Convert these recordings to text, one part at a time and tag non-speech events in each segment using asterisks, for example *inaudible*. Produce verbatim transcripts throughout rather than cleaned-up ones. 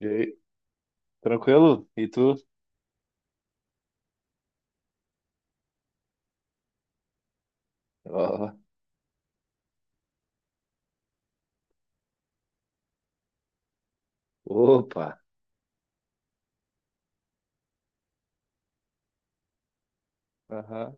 E aí, tranquilo? E tu? Ó, opa. Aham.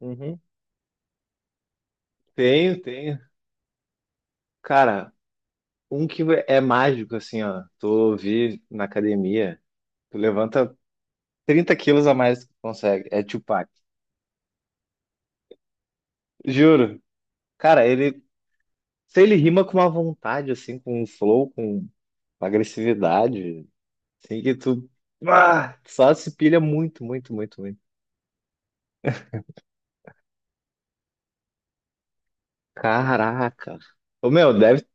Uhum. Tenho, tenho. Cara, um que é mágico, assim, ó. Tu vi na academia, tu levanta trinta quilos a mais do que tu consegue. É Tupac. Juro. Cara, ele, se ele rima com uma vontade, assim, com um flow, com uma agressividade, assim, que tu, ah, só se pilha muito, muito, muito, muito. Caraca. Ô, meu, deve.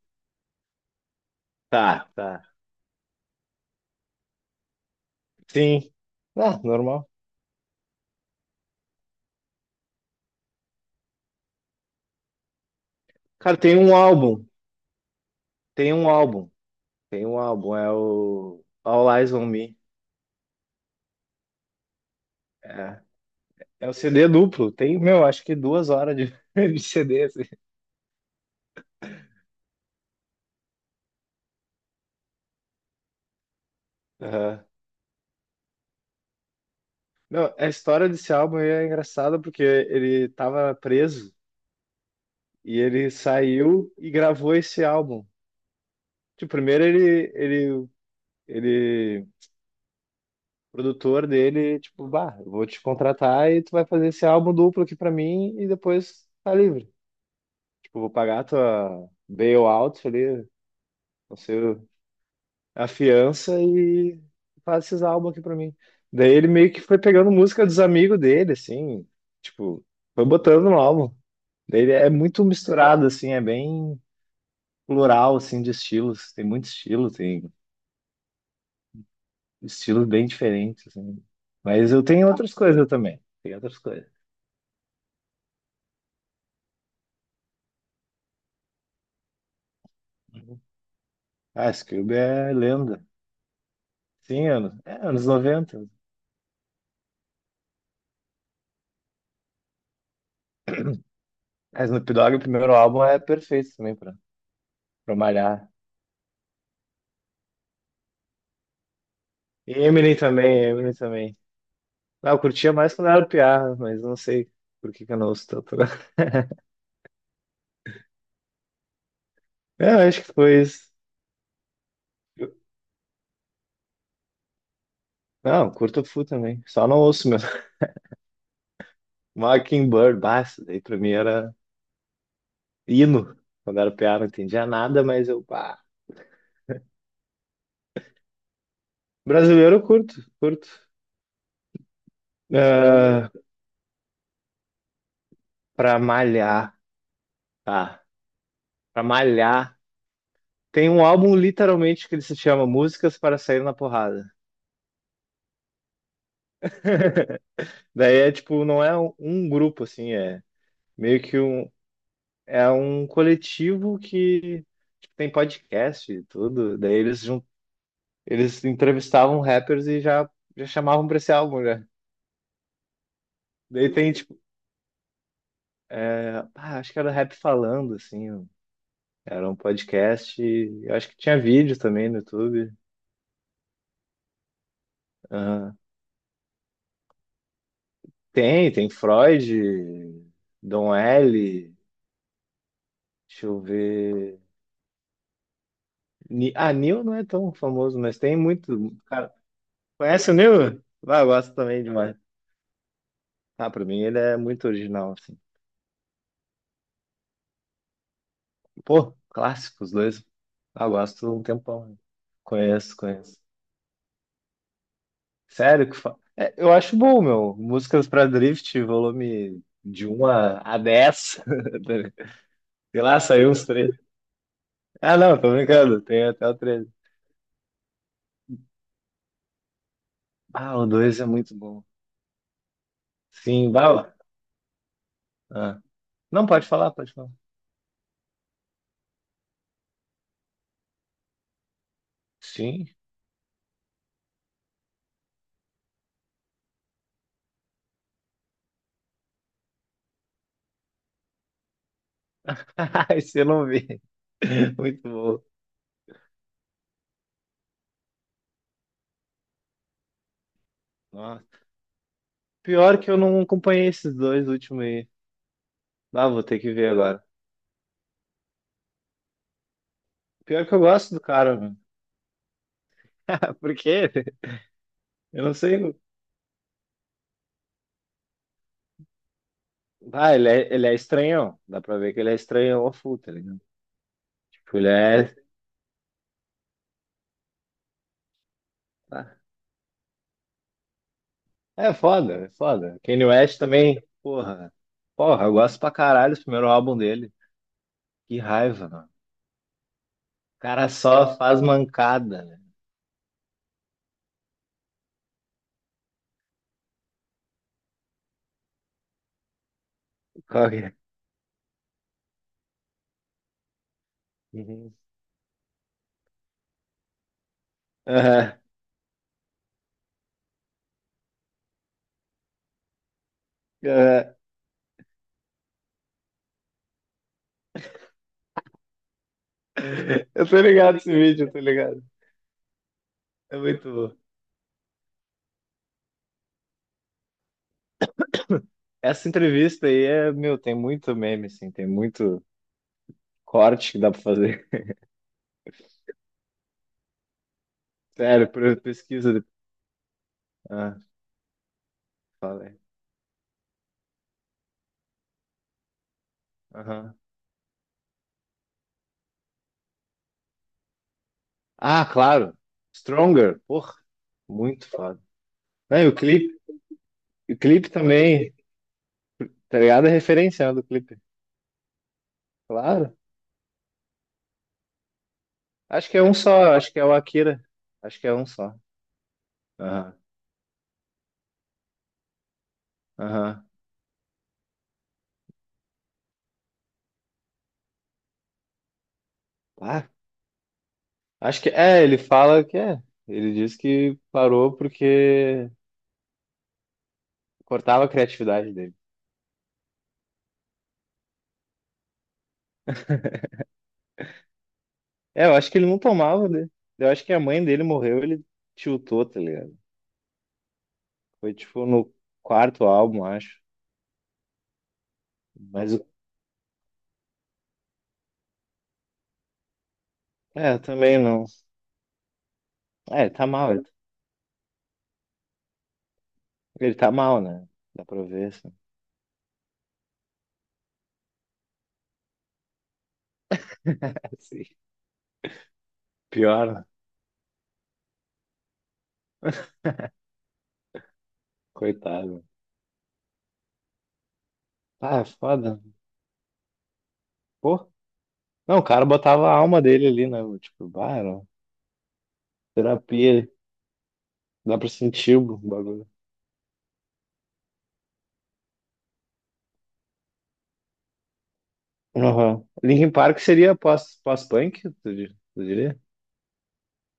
Tá, tá. Sim. Ah, normal. Cara, tem um álbum, tem um álbum, tem um álbum, é o All Eyes on Me. É, é o C D duplo, tem, meu, acho que duas horas de, *laughs* de C D, assim. Aham. Não, a história desse álbum aí é engraçada porque ele tava preso e ele saiu e gravou esse álbum. Tipo, primeiro ele, ele, ele, o produtor dele, tipo, bah, eu vou te contratar e tu vai fazer esse álbum duplo aqui pra mim e depois tá livre. Tipo, vou pagar a tua bailout ali. Você afiança e faz esses álbuns aqui pra mim. Daí ele meio que foi pegando música dos amigos dele, assim, tipo, foi botando no álbum. Daí ele é muito misturado, assim, é bem plural, assim, de estilos. Tem muito estilo, tem estilos bem diferentes, assim. Mas eu tenho outras coisas também, tem outras coisas. Ah, Scooby é lenda. Sim, anos, é, anos noventa. Mas no Dogg, o primeiro álbum é perfeito também pra, pra malhar. E Eminem também, Eminem também. Ah, eu curtia mais quando era piá, mas não sei por que que eu não ouço tanto *laughs* agora. É, eu acho que foi isso. Não, curto Fu também. Só não ouço mesmo. *laughs* Mockingbird, bah, isso daí pra mim era hino. Quando era piá, não entendia nada, mas eu, pá. Brasileiro eu curto, curto. Ah, pra malhar, tá. Pra malhar. Tem um álbum literalmente que ele se chama Músicas para Sair na Porrada. Daí é tipo, não é um um grupo assim, é meio que um, é um coletivo que tipo, tem podcast e tudo. Daí eles, jun... eles entrevistavam rappers e já, já chamavam pra esse álbum, né? Daí tem, tipo, é, ah, acho que era Rap Falando, assim. Era um podcast e eu acho que tinha vídeo também no YouTube. Aham. Tem, tem Freud, Dom L. Deixa eu ver. Ni- Ah, Nil não é tão famoso, mas tem muito. Cara, conhece o Nil? Vai, eu gosto também demais. Ah, pra mim ele é muito original, assim. Pô, clássico, os dois. Ah, gosto um tempão, né? Conheço, conheço. Sério que fa... é, eu acho bom, meu. Músicas pra Drift, volume de um a, a dez. *laughs* Sei lá, saiu uns três. Ah, não, tô brincando. Tem até o treze. Ah, o dois é muito bom. Sim, bala. Ah. Não, pode falar, pode falar. Sim. *laughs* Esse eu não vi. *laughs* Muito bom. Nossa. Pior que eu não acompanhei esses dois últimos aí. Ah, vou ter que ver agora. Pior que eu gosto do cara, meu. *laughs* Por quê? Eu não sei. não- Ah, ele é, ele é estranhão. Dá pra ver que ele é estranhão ao full, tá ligado? Tipo, ele é. Ah, é foda, é foda. Kanye West também, porra. Porra, eu gosto pra caralho do primeiro álbum dele. Que raiva, mano. O cara só faz mancada, né? Qual que é? Uhum. Aham, aham. Eu tô ligado esse vídeo, eu tô ligado. É muito bom. Essa entrevista aí é, meu, tem muito meme, assim, tem muito corte que dá pra fazer. *laughs* Sério, por- pesquisa. de- Ah, fala aí. Aham. Ah, claro. Stronger. Porra, muito foda. Não, e o clipe, o clipe também, tá ligado? É referenciando o clipe. Claro. Acho que é um só, acho que é o Akira. Acho que é um só. Aham, aham. Ah, acho que é, ele fala que é. Ele diz que parou porque cortava a criatividade dele. É, eu acho que ele não tomava, né? Eu acho que a mãe dele morreu, ele tiltou, tá ligado? Foi tipo no quarto álbum, acho. Mas o- é, eu também não. É, tá mal. Ele tá mal, né? Dá pra ver, assim. *laughs* Assim. Pior, né? Coitado. Ah, é foda. Pô. Não, o cara botava a alma dele ali, né? Tipo, bah, era terapia. Dá pra sentir o bagulho. Aham. Linkin Park seria pós, pós-punk, tu, di- tu diria?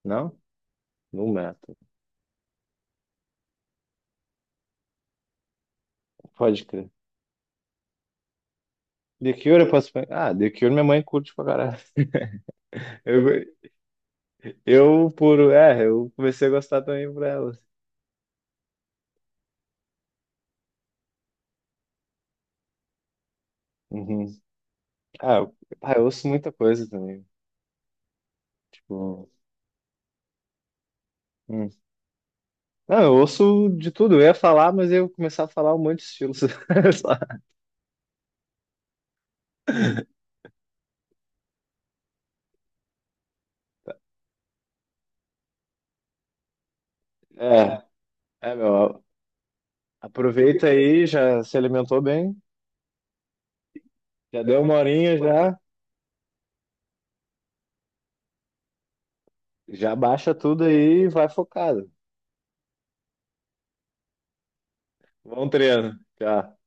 Não? No metal. Pode crer. The Cure é pós-punk. Ah, The Cure minha mãe curte pra caralho. *laughs* Eu, eu por... É, eu comecei a gostar também por ela. Uhum. Ah, eu, ah, eu ouço muita coisa também. Tipo... hum, Não, eu ouço de tudo. Eu ia falar, mas eu ia começar a falar um monte de estilos. *laughs* É, é, meu. Aproveita aí, já se alimentou bem. Já deu uma horinha já. Já baixa tudo aí e vai focado. Bom treino. Tchau.